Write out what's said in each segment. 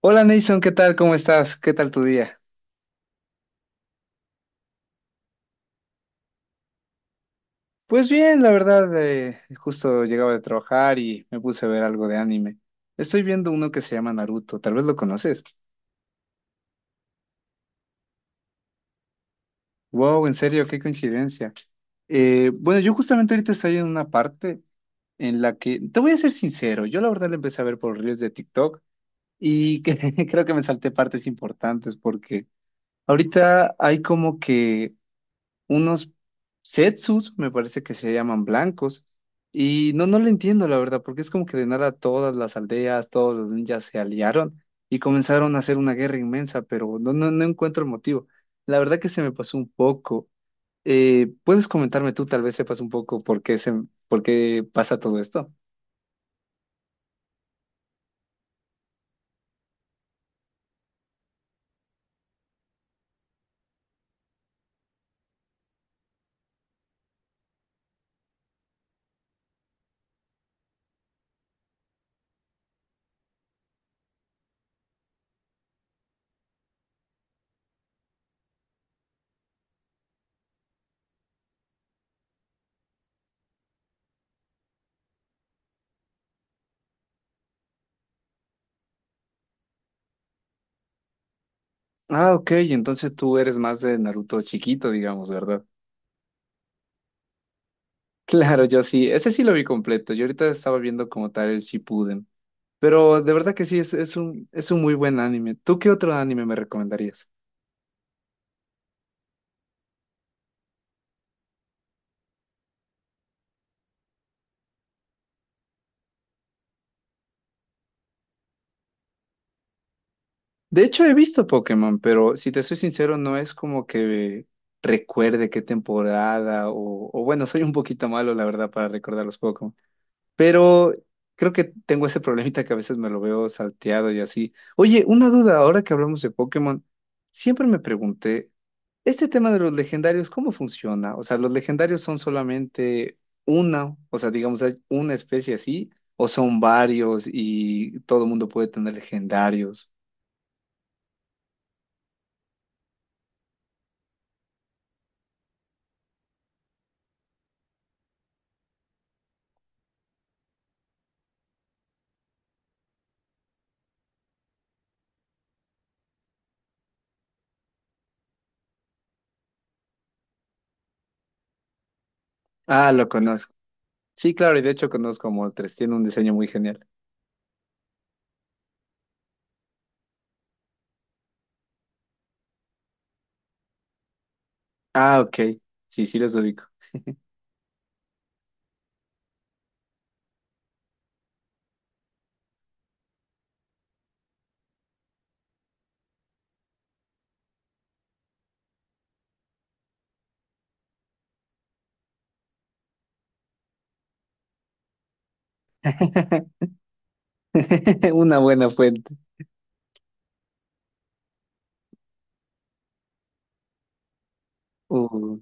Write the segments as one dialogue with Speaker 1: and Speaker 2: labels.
Speaker 1: Hola Nason, ¿qué tal? ¿Cómo estás? ¿Qué tal tu día? Pues bien, la verdad, justo llegaba de trabajar y me puse a ver algo de anime. Estoy viendo uno que se llama Naruto, tal vez lo conoces. Wow, en serio, qué coincidencia. Bueno, yo justamente ahorita estoy en una parte en la que, te voy a ser sincero, yo la verdad lo empecé a ver por reels de TikTok y creo que me salté partes importantes porque ahorita hay como que unos setsus, me parece que se llaman blancos. Y no, no lo entiendo, la verdad, porque es como que de nada todas las aldeas, todos los ninjas se aliaron y comenzaron a hacer una guerra inmensa, pero no, no, no encuentro el motivo. La verdad que se me pasó un poco. ¿puedes comentarme tú, tal vez sepas un poco por qué se, por qué pasa todo esto? Ah, ok, entonces tú eres más de Naruto chiquito, digamos, ¿verdad? Claro, yo sí, ese sí lo vi completo. Yo ahorita estaba viendo como tal el Shippuden. Pero de verdad que sí, es un muy buen anime. ¿Tú qué otro anime me recomendarías? De hecho, he visto Pokémon, pero si te soy sincero, no es como que recuerde qué temporada o bueno, soy un poquito malo, la verdad, para recordar los Pokémon. Pero creo que tengo ese problemita que a veces me lo veo salteado y así. Oye, una duda, ahora que hablamos de Pokémon, siempre me pregunté, este tema de los legendarios, ¿cómo funciona? O sea, ¿los legendarios son solamente una, o sea, digamos, hay una especie así, o son varios y todo el mundo puede tener legendarios? Ah, lo conozco. Sí, claro, y de hecho conozco a Moltres, tiene un diseño muy genial. Ah, ok. Sí, sí los ubico. Una buena fuente. Uh,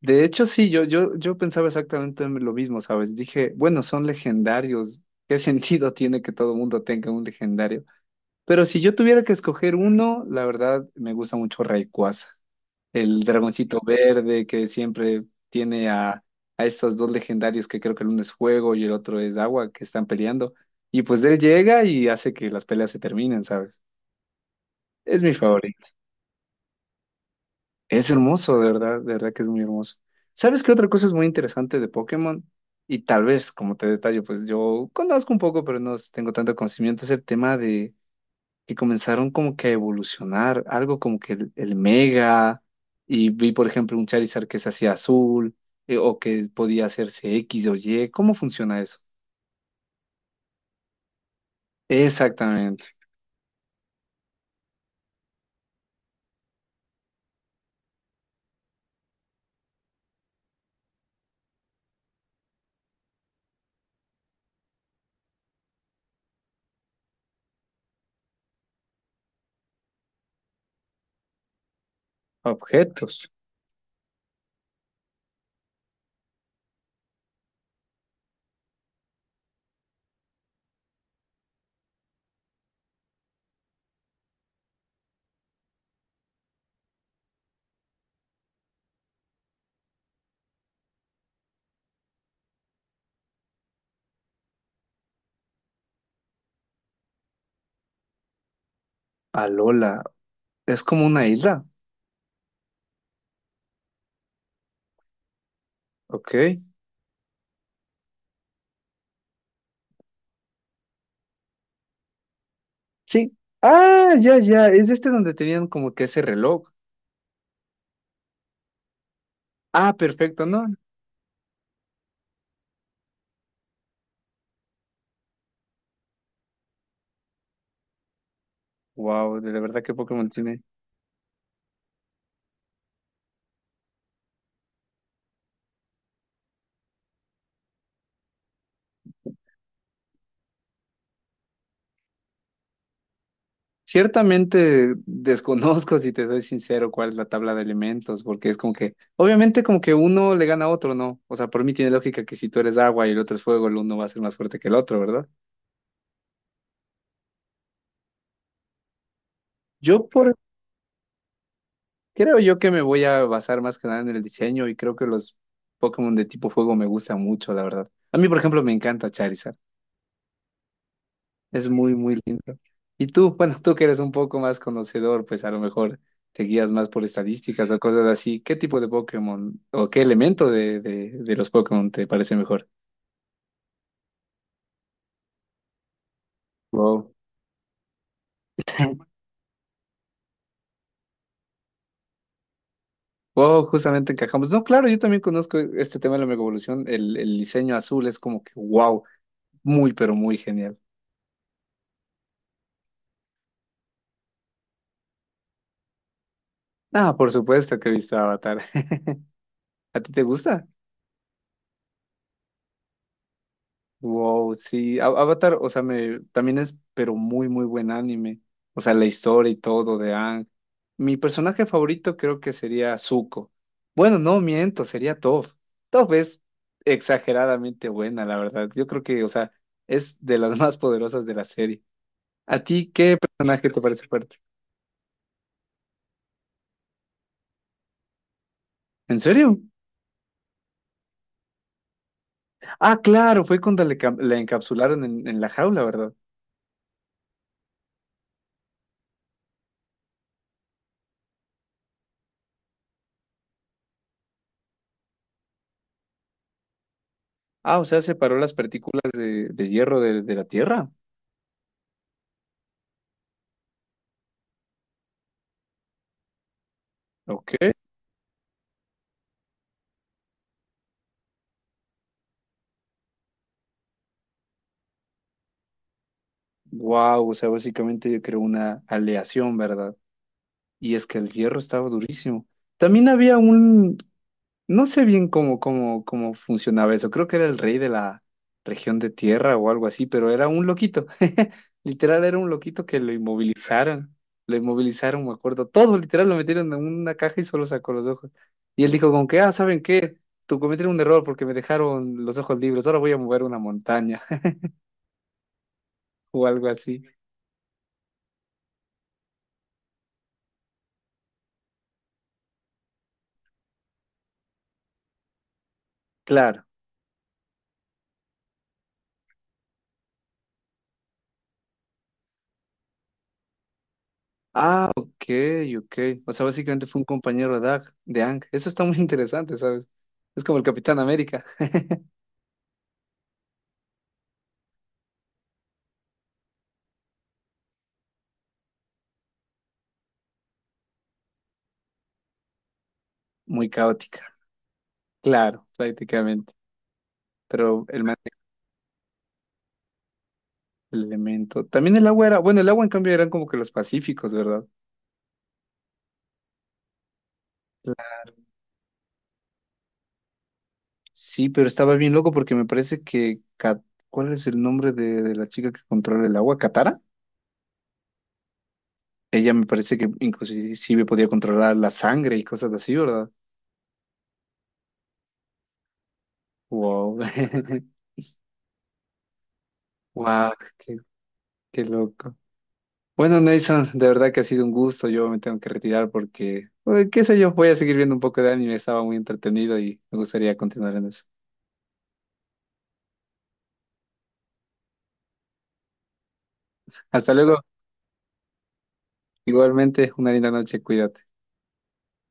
Speaker 1: De hecho, sí, yo pensaba exactamente en lo mismo, ¿sabes? Dije, bueno, son legendarios. ¿Qué sentido tiene que todo mundo tenga un legendario? Pero si yo tuviera que escoger uno, la verdad me gusta mucho Rayquaza, el dragoncito verde que siempre tiene a estos dos legendarios que creo que el uno es fuego y el otro es agua que están peleando. Y pues él llega y hace que las peleas se terminen, ¿sabes? Es mi favorito. Es hermoso, de verdad que es muy hermoso. ¿Sabes qué otra cosa es muy interesante de Pokémon? Y tal vez, como te detallo, pues yo conozco un poco, pero no tengo tanto conocimiento, es el tema de que comenzaron como que a evolucionar, algo como que el Mega, y vi por ejemplo un Charizard que se hacía azul, o que podía hacerse X o Y, ¿cómo funciona eso? Exactamente, objetos, Alola, es como una isla, ok, sí, ah, ya, es este donde tenían como que ese reloj, ah, perfecto, ¿no? Wow, de verdad que Pokémon tiene. Ciertamente desconozco, si te soy sincero, cuál es la tabla de elementos, porque es como que, obviamente como que uno le gana a otro, ¿no? O sea, por mí tiene lógica que si tú eres agua y el otro es fuego, el uno va a ser más fuerte que el otro, ¿verdad? Yo por, creo yo que me voy a basar más que nada en el diseño y creo que los Pokémon de tipo fuego me gustan mucho, la verdad. A mí, por ejemplo, me encanta Charizard. Es muy, muy lindo. Y tú, bueno, tú que eres un poco más conocedor, pues a lo mejor te guías más por estadísticas o cosas así. ¿Qué tipo de Pokémon o qué elemento de los Pokémon te parece mejor? Wow. Wow, justamente encajamos. No, claro, yo también conozco este tema de la mega evolución. El diseño azul es como que wow, muy, pero muy genial. Ah, por supuesto que he visto Avatar. ¿A ti te gusta? Wow, sí, Avatar, o sea, me también es, pero muy, muy buen anime. O sea, la historia y todo de Aang. Mi personaje favorito creo que sería Zuko. Bueno, no miento, sería Toph. Toph es exageradamente buena, la verdad. Yo creo que, o sea, es de las más poderosas de la serie. ¿A ti qué personaje te parece fuerte? ¿En serio? Ah, claro, fue cuando le, la encapsularon en la jaula, ¿verdad? Ah, o sea, separó las partículas de hierro de la Tierra. Ok. Wow, o sea, básicamente yo creo una aleación, ¿verdad? Y es que el hierro estaba durísimo. También había un, no sé bien cómo funcionaba eso. Creo que era el rey de la región de tierra o algo así, pero era un loquito. Literal, era un loquito que lo inmovilizaron. Lo inmovilizaron, me acuerdo. Todo, literal, lo metieron en una caja y solo sacó los ojos. Y él dijo con que, ah, ¿saben qué? Tú cometieron un error porque me dejaron los ojos libres. Ahora voy a mover una montaña o algo así. Claro. Ah, ok, ok. O sea, básicamente fue un compañero de Ang, de Ang. Eso está muy interesante, ¿sabes? Es como el Capitán América. Muy caótica. Claro, prácticamente. Pero el elemento. También el agua era, bueno, el agua en cambio eran como que los pacíficos, ¿verdad? Claro. Sí, pero estaba bien loco porque me parece que, ¿cuál es el nombre de la chica que controla el agua? ¿Katara? Ella me parece que inclusive podía controlar la sangre y cosas así, ¿verdad? Wow. Wow, qué, qué loco. Bueno, Nelson, de verdad que ha sido un gusto. Yo me tengo que retirar porque, qué sé yo, voy a seguir viendo un poco de anime. Estaba muy entretenido y me gustaría continuar en eso. Hasta luego. Igualmente, una linda noche. Cuídate.